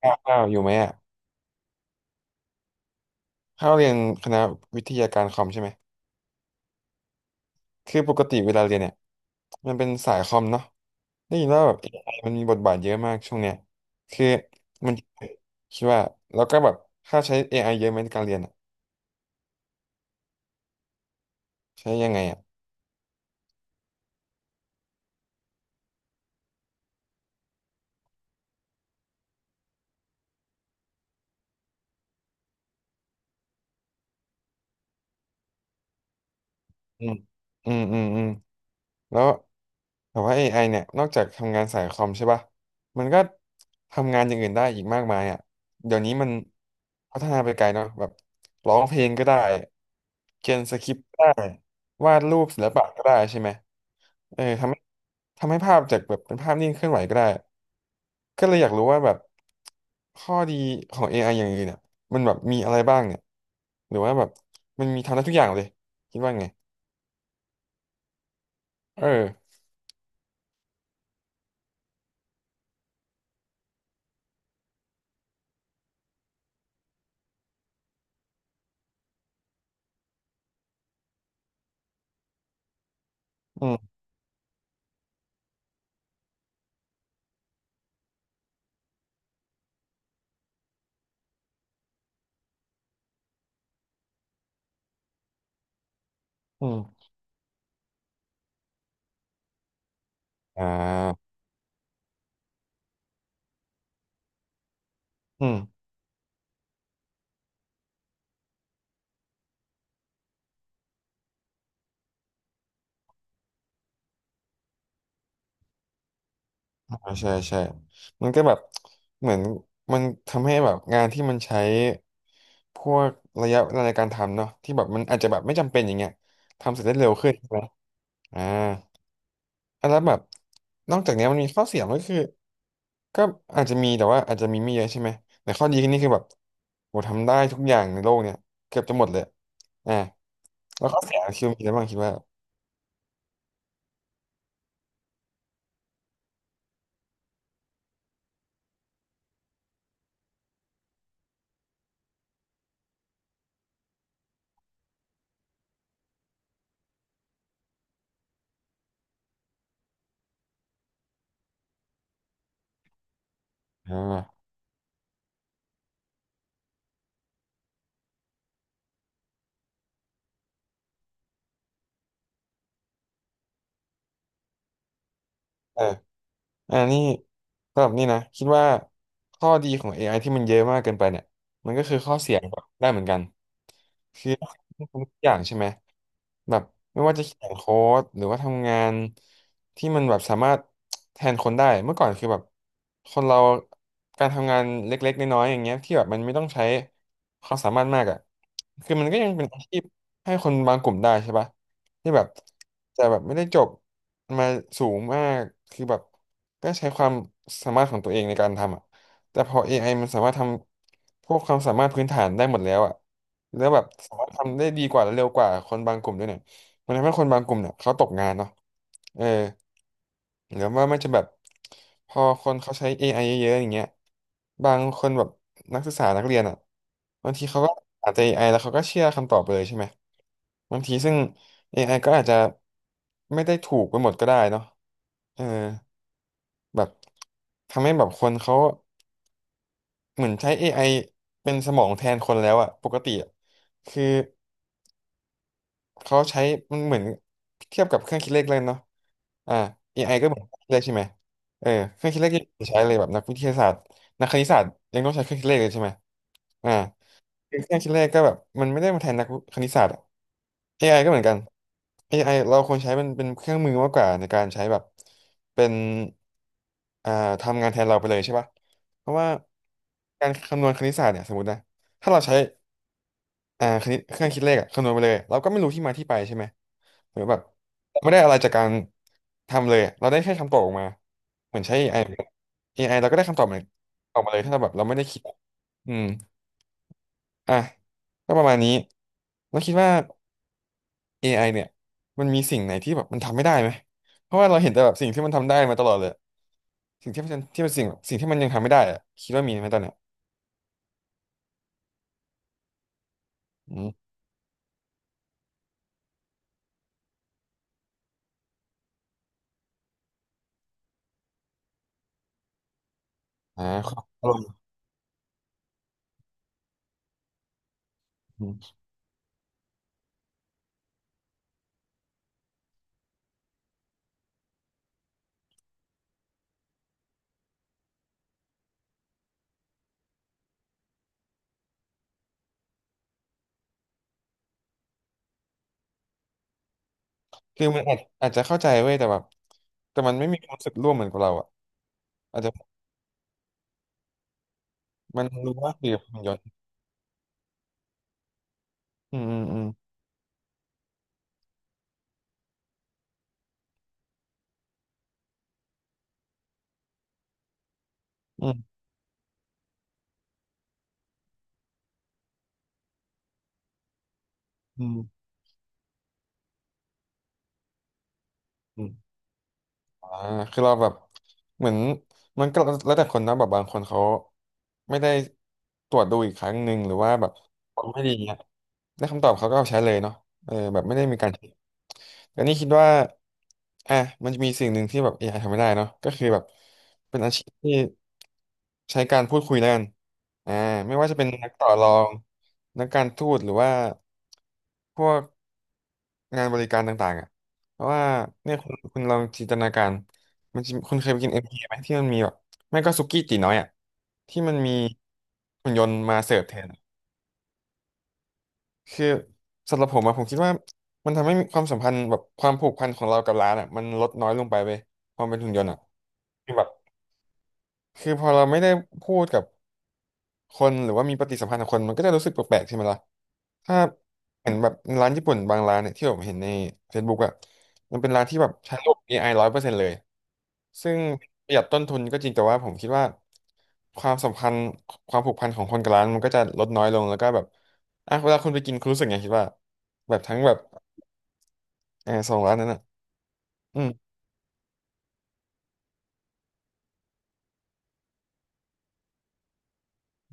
ข้าวอยู่ไหมอ่ะข้าวเรียนคณะวิทยาการคอมใช่ไหมคือปกติเวลาเรียนเนี่ยมันเป็นสายคอมเนาะได้ยินว่าแบบเอไอมันมีบทบาทเยอะมากช่วงเนี้ยคือมันคิดว่าแล้วก็แบบค่าใช้ AI เยอะไหมในการเรียนอ่ะใช้ยังไงอ่ะอืมอืมอืมอืม แล้วแต่ว่า AI เนี่ยนอกจากทำงานสายคอมใช่ป่ะมันก็ทำงานอย่างอื่นได้อีกมากมายอ่ะเดี๋ยวนี้มันพัฒนาไปไกลเนาะแบบร้องเพลงก็ได้เขียนสคริปต์ก็ได้วาดรูปศิลปะก็ได้ใช่ไหมเออทำให้ภาพจากแบบเป็นภาพนิ่งเคลื่อนไหวก็ได้ก็เลยอยากรู้ว่าแบบข้อดีของ AI อไออย่างอื่นเนี่ยมันแบบมีอะไรบ้างเนี่ยหรือว่าแบบมันมีทำได้ทุกอย่างเลยคิดว่าไงเอออืมอืมอ่าอืม อ่าใช่ใช่มันก็แบบเหมือนมันทำให้แบบงานที่มันใช้พวกระยะเวลาในการทำเนาะที่แบบมันอาจจะแบบไม่จำเป็นอย่างเงี้ยทำเสร็จได้เร็วขึ้นใช่ไหมอ่าอ่ะแล้วแบบนอกจากเนี้ยมันมีข้อเสียมันก็คือก็อาจจะมีแต่ว่าอาจจะมีไม่เยอะใช่ไหมแต่ข้อดีนี่คือแบบโหทำได้ทุกอย่างในโลกเนี่ยเกือบจะหมดเลยอ่าแล้วข้อเสียคือมีอะไรบ้างคิดว่าอ่า อันนี้สำหรับนี่นะคิดว่าข้อดีของ AI ที่มันเยอะมากเกินไปเนี่ยมันก็คือข้อเสียก็ได้เหมือนกันคือต้องทำทุกอย่างใช่ไหม แบบไม่ว่าจะเขียนโค้ดหรือว่าทำงานที่มันแบบสามารถแทนคนได้เมื่อก่อนคือแบบคนเราการทำงานเล็กๆน้อยๆอย่างเงี้ยที่แบบมันไม่ต้องใช้ความสามารถมากอ่ะคือมันก็ยังเป็นอาชีพให้คนบางกลุ่มได้ใช่ปะที่แบบแต่แบบไม่ได้จบมาสูงมากคือแบบก็ใช้ความสามารถของตัวเองในการทำอ่ะ แต่พอ AI มันสามารถทำพวกความสามารถพื้นฐานได้หมดแล้วอะแล้วแบบสามารถทำได้ดีกว่าและเร็วกว่าคนบางกลุ่มด้วยเนี่ยมันทำให้คนบางกลุ่มเนี่ยเขาตกงานเนาะเออหรือว่ามันจะแบบพอคนเขาใช้ AI เยอะๆอย่างเงี้ยบางคนแบบนักศึกษานักเรียนอะบางทีเขาก็อาจจะเอไอแล้วเขาก็เชื่อคำตอบไปเลยใช่ไหมบางทีซึ่งเอไอก็อาจจะไม่ได้ถูกไปหมดก็ได้เนาะเออแบบทำให้แบบคนเขา เหมือนใช้ AI เป็นสมองแทนคนแล้วอะปกติอะคือเขาใช้มันเหมือนเทียบกับเครื่องคิดเลขเลยเนาะอ่า AI ก็เหมือนเครื่องคิดเลขใช่ไหมเออเครื่องคิดเลขยังใช้เลยแบบนักวิทยาศาสตร์นักคณิตศาสตร์ยังต้องใช้เครื่องคิดเลขเลยใช่ไหมอ่าคือเครื่องคิดเลขก็แบบมันไม่ได้มาแทนนักคณิตศาสตร์อะ เอ AI ก็เหมือนกัน AI เราควรใช้เป็นเครื่องมือมากกว่าในการใช้แบบเป็นอ่าทำงานแทนเราไปเลยใช่ป่ะเพราะว่าการคำนวณคณิตศาสตร์เนี่ยสมมตินะถ้าเราใช้อ่าคณิตเครื่องคิดเลขอะคำนวณไปเลยเราก็ไม่รู้ที่มาที่ไปใช่ไหมหรือแบบเราไม่ได้อะไรจากการทำเลยอะเราได้แค่คำตอบออกมาเหมือนใช้ a เอไอเอไอ AI เราก็ได้คำตอบเหมือนออกมาเลยถ้าเราแบบเราไม่ได้คิดอืมอ่ะก็ประมาณนี้แล้วคิดว่า AI เนี่ยมันมีสิ่งไหนที่แบบมันทำไม่ได้ไหมเพราะว่าเราเห็นแต่แบบสิ่งที่มันทำได้มาตลอดเลยสิ่งที่มันยังทำไม่ได้อะคิดว่ามีไหมตอนเนี้ยอืมอ่าครับอารมณ์อืมคือมันอาจจะเข้าใจเว้ยแต่แบบแต่มันไม่มีความรู้สึกร่วมเหมือนกับเราอ่ะอาจจะมันรู้ว่าคือมันย้อนอืมอืมอืมอืมอืมอืมอ่าคือเราแบบเหมือนมันก็แล้วแต่คนนะแบบบางคนเขาไม่ได้ตรวจดูอีกครั้งหนึ่งหรือว่าแบบฟังไม่ดี ได้คำตอบเขาก็เอาใช้เลยเนาะเออแบบไม่ได้มีการคิดแต่นี่คิดว่าอ่ะมันจะมีสิ่งหนึ่งที่แบบ a อไอทำไม่ได้เนาะก็คือแบบเป็นอาชีพที่ใช้การพูดคุยแล้วกันอ่าไม่ว่าจะเป็นนักต่อรองนักการทูตหรือว่าพวกงานบริการต่างๆอ่ะเพราะว่าเนี่ยคุณลองจินตนาการมันจะคุณเคยไปกินเอ็มพีไหมที่มันมีแบบไม่ก็สุกี้ตีน้อยอ่ะที่มันมีหุ่นยนต์มาเสิร์ฟแทน คือสำหรับผมอะผมคิดว่ามันทำให้ความสัมพันธ์แบบความผูกพันของเรากับร้านอะมันลดน้อยลงไปเว้ยความเป็นหุ่นยนต์อะคือแบบคือพอเราไม่ได้พูดกับคนหรือว่ามีปฏิสัมพันธ์กับคนมันก็จะรู้สึกแปลกๆใช่ไหมล่ะถ้าเห็นแบบร้านญี่ปุ่นบางร้านเนี่ยที่ผมเห็นใน Facebook อะมันเป็นร้านที่แบบใช้ระบบ AI ร้อยเปอร์เซ็นต์เลยซึ่งประหยัดต้นทุนก็จริงแต่ว่าผมคิดว่าความสัมพันธ์ความผูกพันของคนกับร้านมันก็จะลดน้อยลงแล้วก็แบบอ่ะเวลาคุณไปกินคุณรู้สึกไงคิดว่าแบบทั้งแบบ เออสองร้านนั้นอ่ะอืม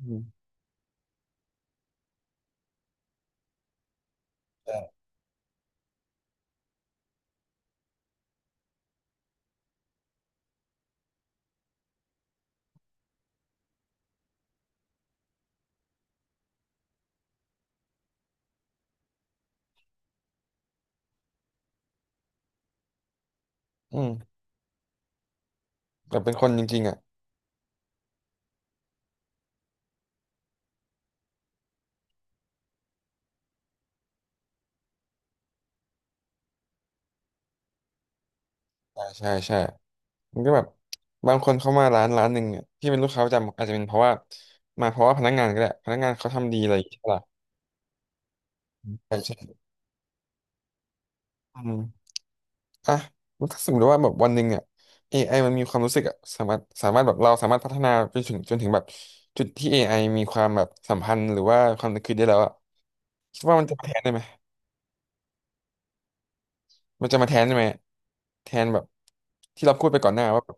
อืมแต่อืมแต่เป็นคนจริงๆอ่ะใช่าใช่ใช่มันก็แบบบางคนเข้ามาร้านหนึ่งเนี่ยที่เป็นลูกค้าประจำอาจจะเป็นเพราะว่ามาเพราะว่าพนักงานก็ได้พนักงานเขาทำดีอะไรอย่างเงี้ยใช่ปะล่ะใช่ใช่อืมอ่ะแล้วถ้าสมมติว่าแบบวันหนึ่งเนี่ย a อไอมันมีความรู้สึกอ่ะสามารถแบบเราสามารถพัฒนาไปถึงจนถึงแบบจุดที่ a อไอมีความแบบสัมพันธ์หรือว่าความนึกคิดได้แล้วอ่ะคิดว่ามันจะมาแทนได้ไหมมันจะมาแทนได้ไหมแทนแบบที่เราพูดไปก่อนหน้าว่าแบบ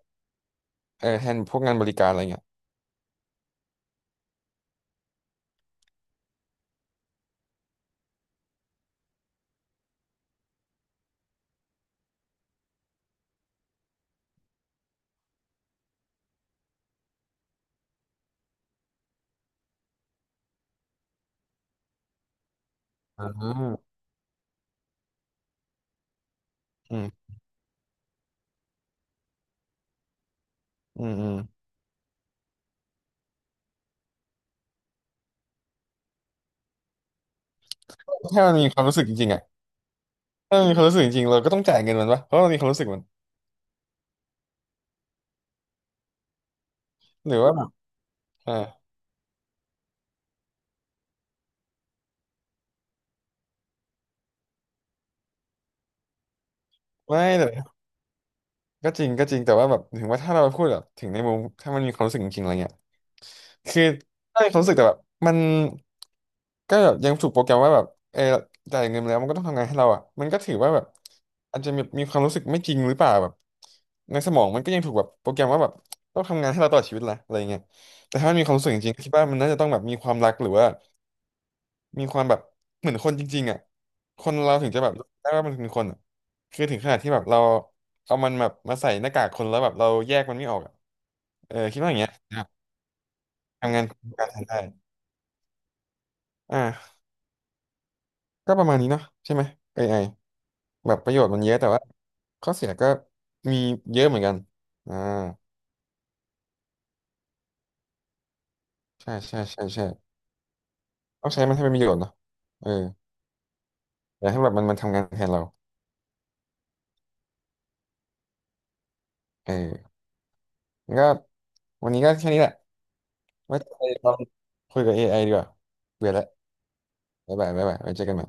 เออแทนพวกงานบริการอะไรเงี้ย อืมอืมอืมอืมถ้ามันมีความรู้สึกจริงๆอ่ะถ้ามันมีความรู้สึกจริงๆเราก็ต้องจ่ายเงินมันปะเพราะมันมีความรู้สึกมันหรือว่าแบบอ่าไม่แต่ก็จริงแต่ว่าแบบถึงว่าถ้าเราพูดแบบถึงในมุมถ้ามันมีความรู้สึกจริงๆอะไรเงี้ยคือถ้ามีความรู้สึกแต่แบบมันก็แบบยังถูกโปรแกรมว่าแบบเออจ่ายเงินมาแล้วมันก็ต้องทำงานให้เราอ่ะมันก็ถือว่าแบบอาจจะมีความรู้สึกไม่จริงหรือเปล่าแบบในสมองมันก็ยังถูกแบบโปรแกรมว่าแบบต้องทำงานให้เราตลอดชีวิตละอะไรเงี้ยแต่ถ้ามันมีความรู้สึกจริงๆก็คิดว่ามันน่าจะต้องแบบมีความรักหรือว่า มีความแบบเหมือนคนจริงๆอ่ะคนเราถึงจะแบบได้ว่ามันเป็นคนอะคือถึงขนาดที่แบบเราเอามันแบบมาใส่หน้ากากคนแล้วแบบเราแยกมันไม่ออกอะเออคิดว่าอย่างเงี้ยนะครับทำงานการแทนได้อ่าก็ประมาณนี้เนาะใช่ไหม AI แบบประโยชน์มันเยอะแต่ว่าข้อเสียก็มีเยอะเหมือนกันอ่าใช่ใช่ใช่ใช่ต้องใช้มันให้เป็นประโยชน์เนาะเอออย่าให้แบบมันทำงานแทนเราเอองั้นก็วันนี้ก็แค่นี้แหละไว้ไปลองคุยกับ AI ดีกว่าเบื่อแล้ว บ๊ายบายบ๊ายบายไว้เจอกันใหม่